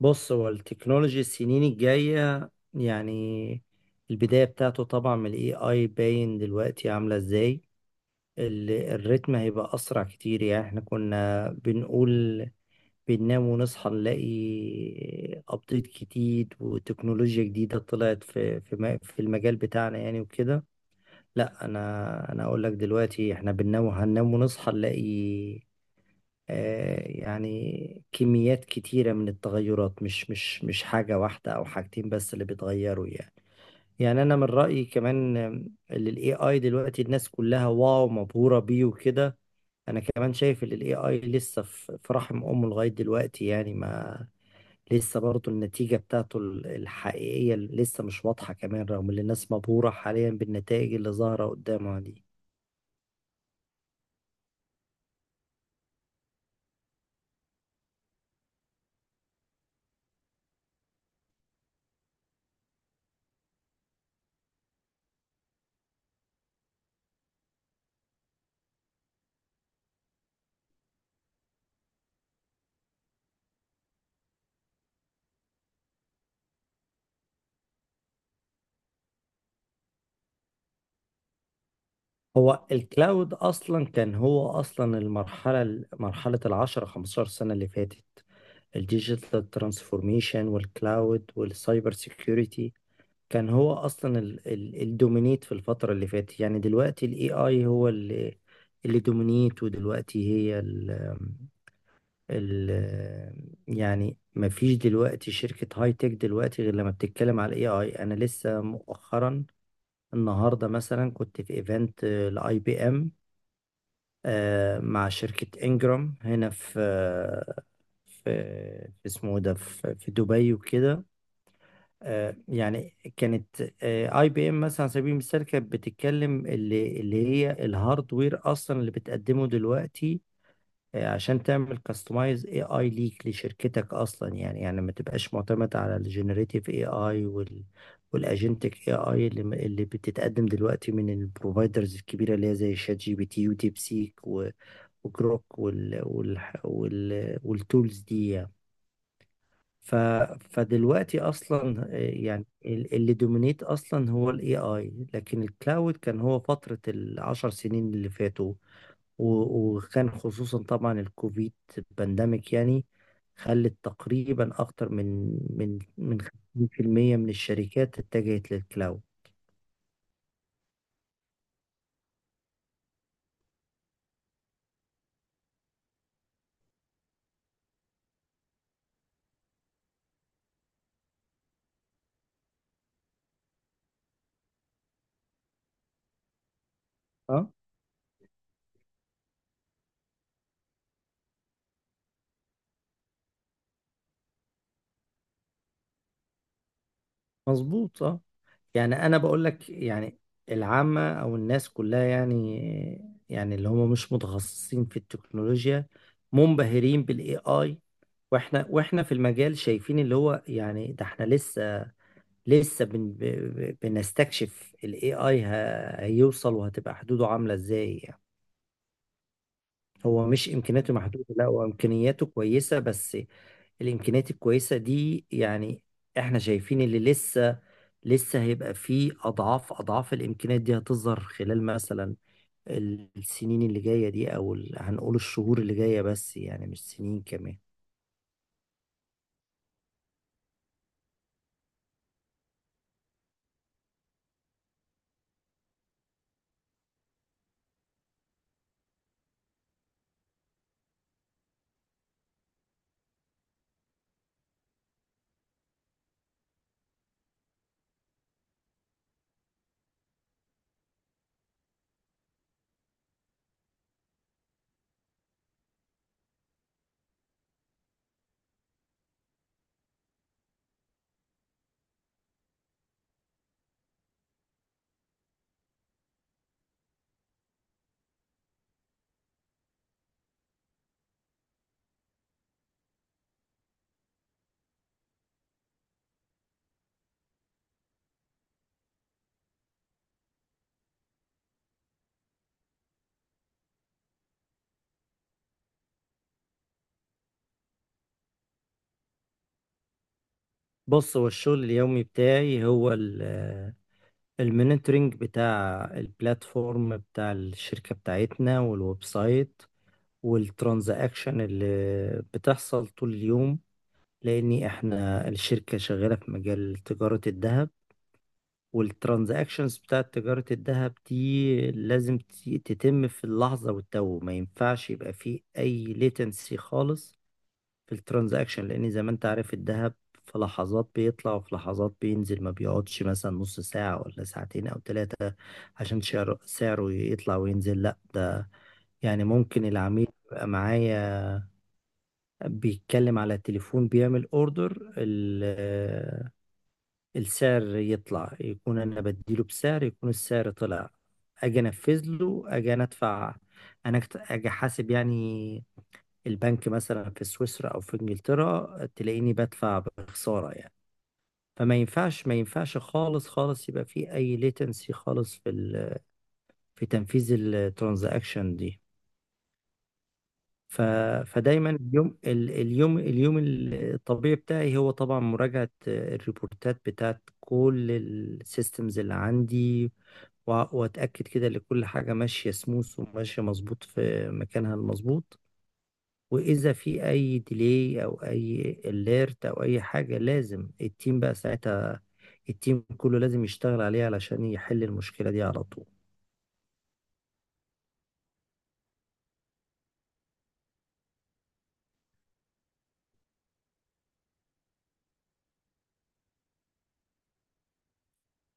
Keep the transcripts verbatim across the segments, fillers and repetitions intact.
بص، هو التكنولوجي السنين الجاية يعني البداية بتاعته طبعا من الاي اي باين دلوقتي عاملة ازاي. ال- الريتم هيبقى اسرع كتير. يعني احنا كنا بنقول بننام ونصحى نلاقي ابديت جديد وتكنولوجيا جديدة طلعت في في م- في المجال بتاعنا يعني وكده. لا، انا انا اقول لك دلوقتي احنا بننام، هننام ونصحى نلاقي آه، يعني كميات كتيرة من التغيرات، مش مش مش حاجة واحدة أو حاجتين بس اللي بيتغيروا يعني. يعني أنا من رأيي كمان، آم، اللي ال إيه آي دلوقتي الناس كلها واو مبهورة بيه وكده. أنا كمان شايف إن ال إيه آي لسه في في رحم أمه لغاية دلوقتي يعني. ما لسه برضه النتيجة بتاعته ال- الحقيقية لسه مش واضحة كمان، رغم إن الناس مبهورة حاليا بالنتائج اللي ظاهرة قدامها دي. هو الكلاود اصلا كان هو اصلا المرحله، مرحله العشرة خمسة عشر سنه اللي فاتت، الديجيتال ترانسفورميشن والكلاود والسايبر سيكيورتي. كان هو اصلا ال- ال- الدومينيت في الفتره اللي فاتت. يعني دلوقتي الاي اي هو اللي اللي دومينيت. ودلوقتي هي ال ال يعني ما فيش دلوقتي شركه هاي تك دلوقتي غير لما بتتكلم على الاي اي. انا لسه مؤخرا، النهارده مثلا، كنت في ايفنت لاي بي ام، آه، مع شركة انجرام هنا في آه، في في اسمه إيه ده، في في دبي وكده. آه، يعني كانت اي بي ام مثلا على سبيل المثال كانت بتتكلم اللي اللي هي الهاردوير اصلا اللي بتقدمه دلوقتي، آه، عشان تعمل كاستمايز اي اي ليك لشركتك اصلا. يعني يعني ما تبقاش معتمد على الجنريتيف اي اي وال والاجنتك اي اي اللي اللي بتتقدم دلوقتي من البروفايدرز الكبيره اللي هي زي شات جي بي تي وديب سيك و- وجروك وال وال وال والتولز دي يعني. ف فدلوقتي اصلا، آه، يعني ال- اللي دومينيت اصلا هو الاي اي. لكن الكلاود كان هو فتره العشر سنين اللي فاتوا، و- وكان خصوصا طبعا الكوفيد بانديميك يعني، خلت تقريبا أكتر من من من خمسين بالمية من الشركات اتجهت للكلاود. اه. مظبوط، اه. يعني أنا بقول لك يعني العامة أو الناس كلها يعني، يعني اللي هم مش متخصصين في التكنولوجيا، منبهرين بالاي اي. واحنا واحنا في المجال شايفين اللي هو يعني، ده احنا لسه لسه بن... ب- ب- بنستكشف ال إيه آي ه... هيوصل وهتبقى حدوده عاملة ازاي يعني. هو مش امكانياته محدودة، لا، هو امكانياته كويسة. بس الامكانيات الكويسة دي يعني احنا شايفين اللي لسه لسه هيبقى فيه اضعاف اضعاف الامكانيات دي هتظهر خلال مثلا السنين اللي جاية دي، او ال- هنقول الشهور اللي جاية بس يعني مش سنين كمان. بص، هو الشغل اليومي بتاعي هو المونيتورنج بتاع البلاتفورم بتاع الشركة بتاعتنا والويب سايت والترانزاكشن اللي بتحصل طول اليوم، لأن احنا الشركة شغالة في مجال تجارة الذهب، والترانزاكشنز بتاعة تجارة الذهب دي لازم ت- تتم في اللحظة والتو. ما ينفعش يبقى فيه أي ليتنسي خالص في الترانزاكشن، لان زي ما انت عارف الذهب في لحظات بيطلع وفي لحظات بينزل، ما بيقعدش مثلا نص ساعة ولا ساعتين او ثلاثة عشان شعره- سعره يطلع وينزل، لا، ده يعني ممكن العميل يبقى معايا بيتكلم على التليفون بيعمل اوردر، السعر يطلع، يكون انا بديله بسعر يكون السعر طلع، اجي انفذ له، اجي انا ادفع، انا أكت- اجي احاسب يعني، البنك مثلا في سويسرا او في انجلترا تلاقيني بدفع بخسارة يعني. فما ينفعش ما ينفعش خالص خالص يبقى في اي ليتنسي خالص في ال... في تنفيذ الترانزاكشن دي. ف... فدايما اليوم، ال- اليوم اليوم الطبيعي بتاعي هو طبعا مراجعة الريبورتات بتاعت كل السيستمز اللي عندي، وأ- واتاكد كده ان كل حاجه ماشيه سموث وماشيه مظبوط في مكانها المظبوط. واذا في اي ديلي او اي اليرت او اي حاجه، لازم التيم بقى ساعتها، التيم كله لازم يشتغل عليه علشان يحل المشكله دي على طول.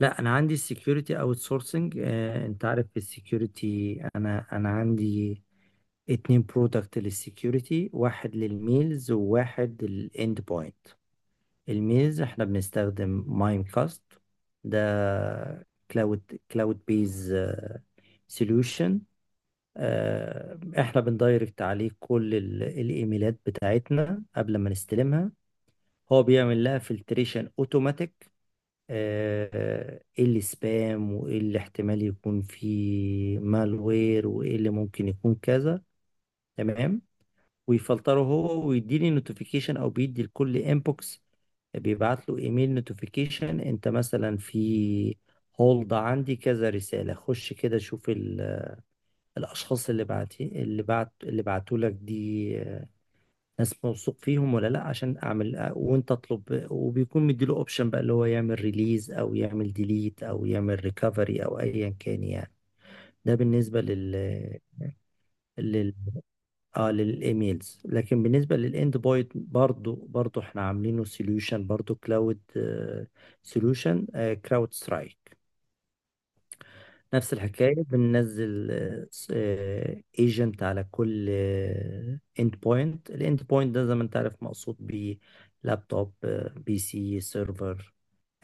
لا، انا عندي السكيورتي اوت سورسنج. انت عارف في السكيورتي، انا انا عندي اتنين برودكت للسكيورتي، واحد للميلز وواحد للاند بوينت. الميلز احنا بنستخدم مايم كاست. ده كلاود كلاود بيز سوليوشن. آه، احنا بندايركت عليه كل ال- الايميلات بتاعتنا قبل ما نستلمها. هو بيعمل لها فلتريشن اوتوماتيك، آه، ايه اللي سبام، وايه اللي احتمال يكون فيه مالوير، وايه اللي ممكن يكون كذا. تمام. ويفلتره هو، ويديني نوتيفيكيشن، او بيدي لكل انبوكس بيبعت له ايميل نوتيفيكيشن، انت مثلا في هولد عندي كذا رسالة، خش كده شوف الاشخاص اللي بعتي اللي بعت اللي بعتوا لك دي، آه، ناس موثوق فيهم ولا لا، عشان اعمل، آه، وانت اطلب. وبيكون مديله اوبشن بقى اللي هو يعمل ريليز او يعمل ديليت او يعمل ريكفري او ايا كان يعني. ده بالنسبه لل لل اه للايميلز. لكن بالنسبه للاند بوينت، برضو برضو احنا عاملينه سوليوشن برضو، كلاود سوليوشن، كراود سترايك. نفس الحكاية، بننزل ايجنت على كل اند بوينت. الاند بوينت ده زي ما انت عارف مقصود بيه لابتوب، آه، بي سي، سيرفر،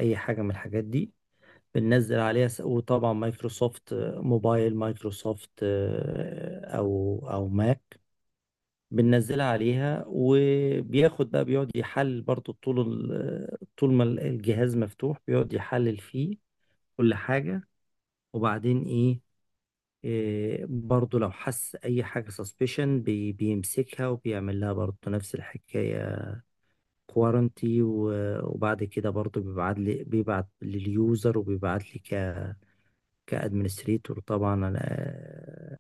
اي حاجة من الحاجات دي، بننزل عليها. س- وطبعا مايكروسوفت، آه، موبايل مايكروسوفت، آه، او او ماك، بننزلها عليها وبياخد بقى، بيقعد يحلل برضو طول ال- آه، طول ما الجهاز مفتوح بيقعد يحلل فيه كل حاجة. وبعدين، إيه، إيه، برضو لو حس اي حاجة سسبشن، بي بيمسكها وبيعمل لها برضو نفس الحكاية، كوارنتي. وبعد كده برضو بيبعت لي، بيبعت لليوزر، وبيبعت لي ك كادمنستريتور طبعا. أنا، آه،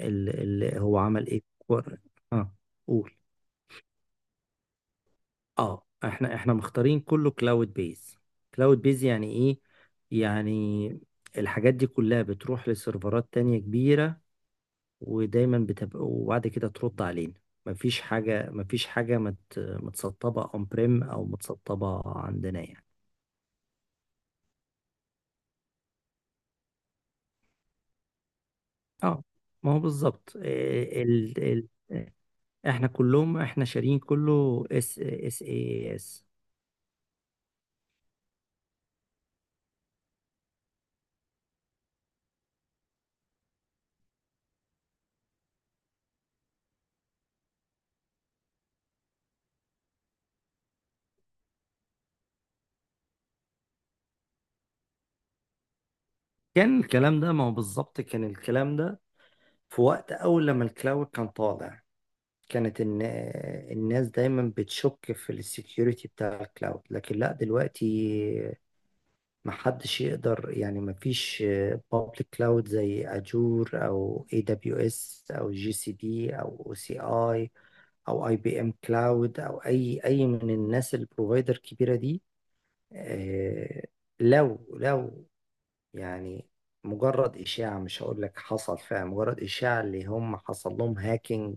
ال ال هو عمل ايه كوار- اه. قول. اه، احنا احنا مختارين كله كلاود بيز. كلاود بيز يعني ايه؟ يعني الحاجات دي كلها بتروح لسيرفرات تانية كبيرة، ودايما بتبقوا، وبعد كده ترد علينا. مفيش حاجة، مفيش حاجة مت متسطبة اون بريم او متسطبة عندنا يعني. اه. ما هو بالظبط، إيه، ال... ال... احنا كلهم، احنا شارين كله اس اس اي اس. كان الكلام ده، ما هو بالظبط كان الكلام ده في وقت اول لما الكلاود كان طالع، كانت ان الناس دايما بتشك في السكيورتي بتاع الكلاود. لكن لا، دلوقتي ما حدش يقدر يعني، ما فيش بابليك كلاود زي اجور او اي دبليو اس او جي سي بي او او سي اي او اي بي ام كلاود او اي اي من الناس البروفايدر الكبيره دي. آه، لو لو يعني مجرد اشاعه، مش هقول لك حصل فعلا، مجرد اشاعه اللي هم حصل لهم هاكينج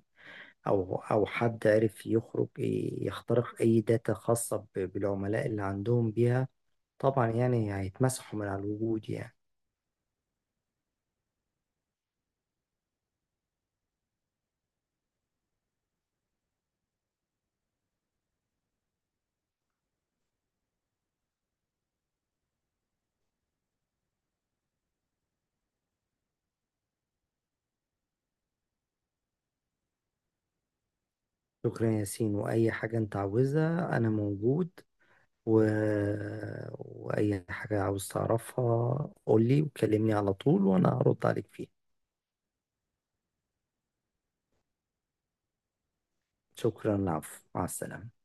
او او حد عرف يخرج يخترق اي داتا خاصه ب- بالعملاء اللي عندهم بيها، طبعا يعني هيتمسحوا من على الوجود يعني. شكرا يا ياسين، وأي حاجة أنت عاوزها أنا موجود. و... وأي حاجة عاوز تعرفها قولي، وكلمني على طول، وأنا هرد عليك فيها. شكرا، العفو، مع السلامة.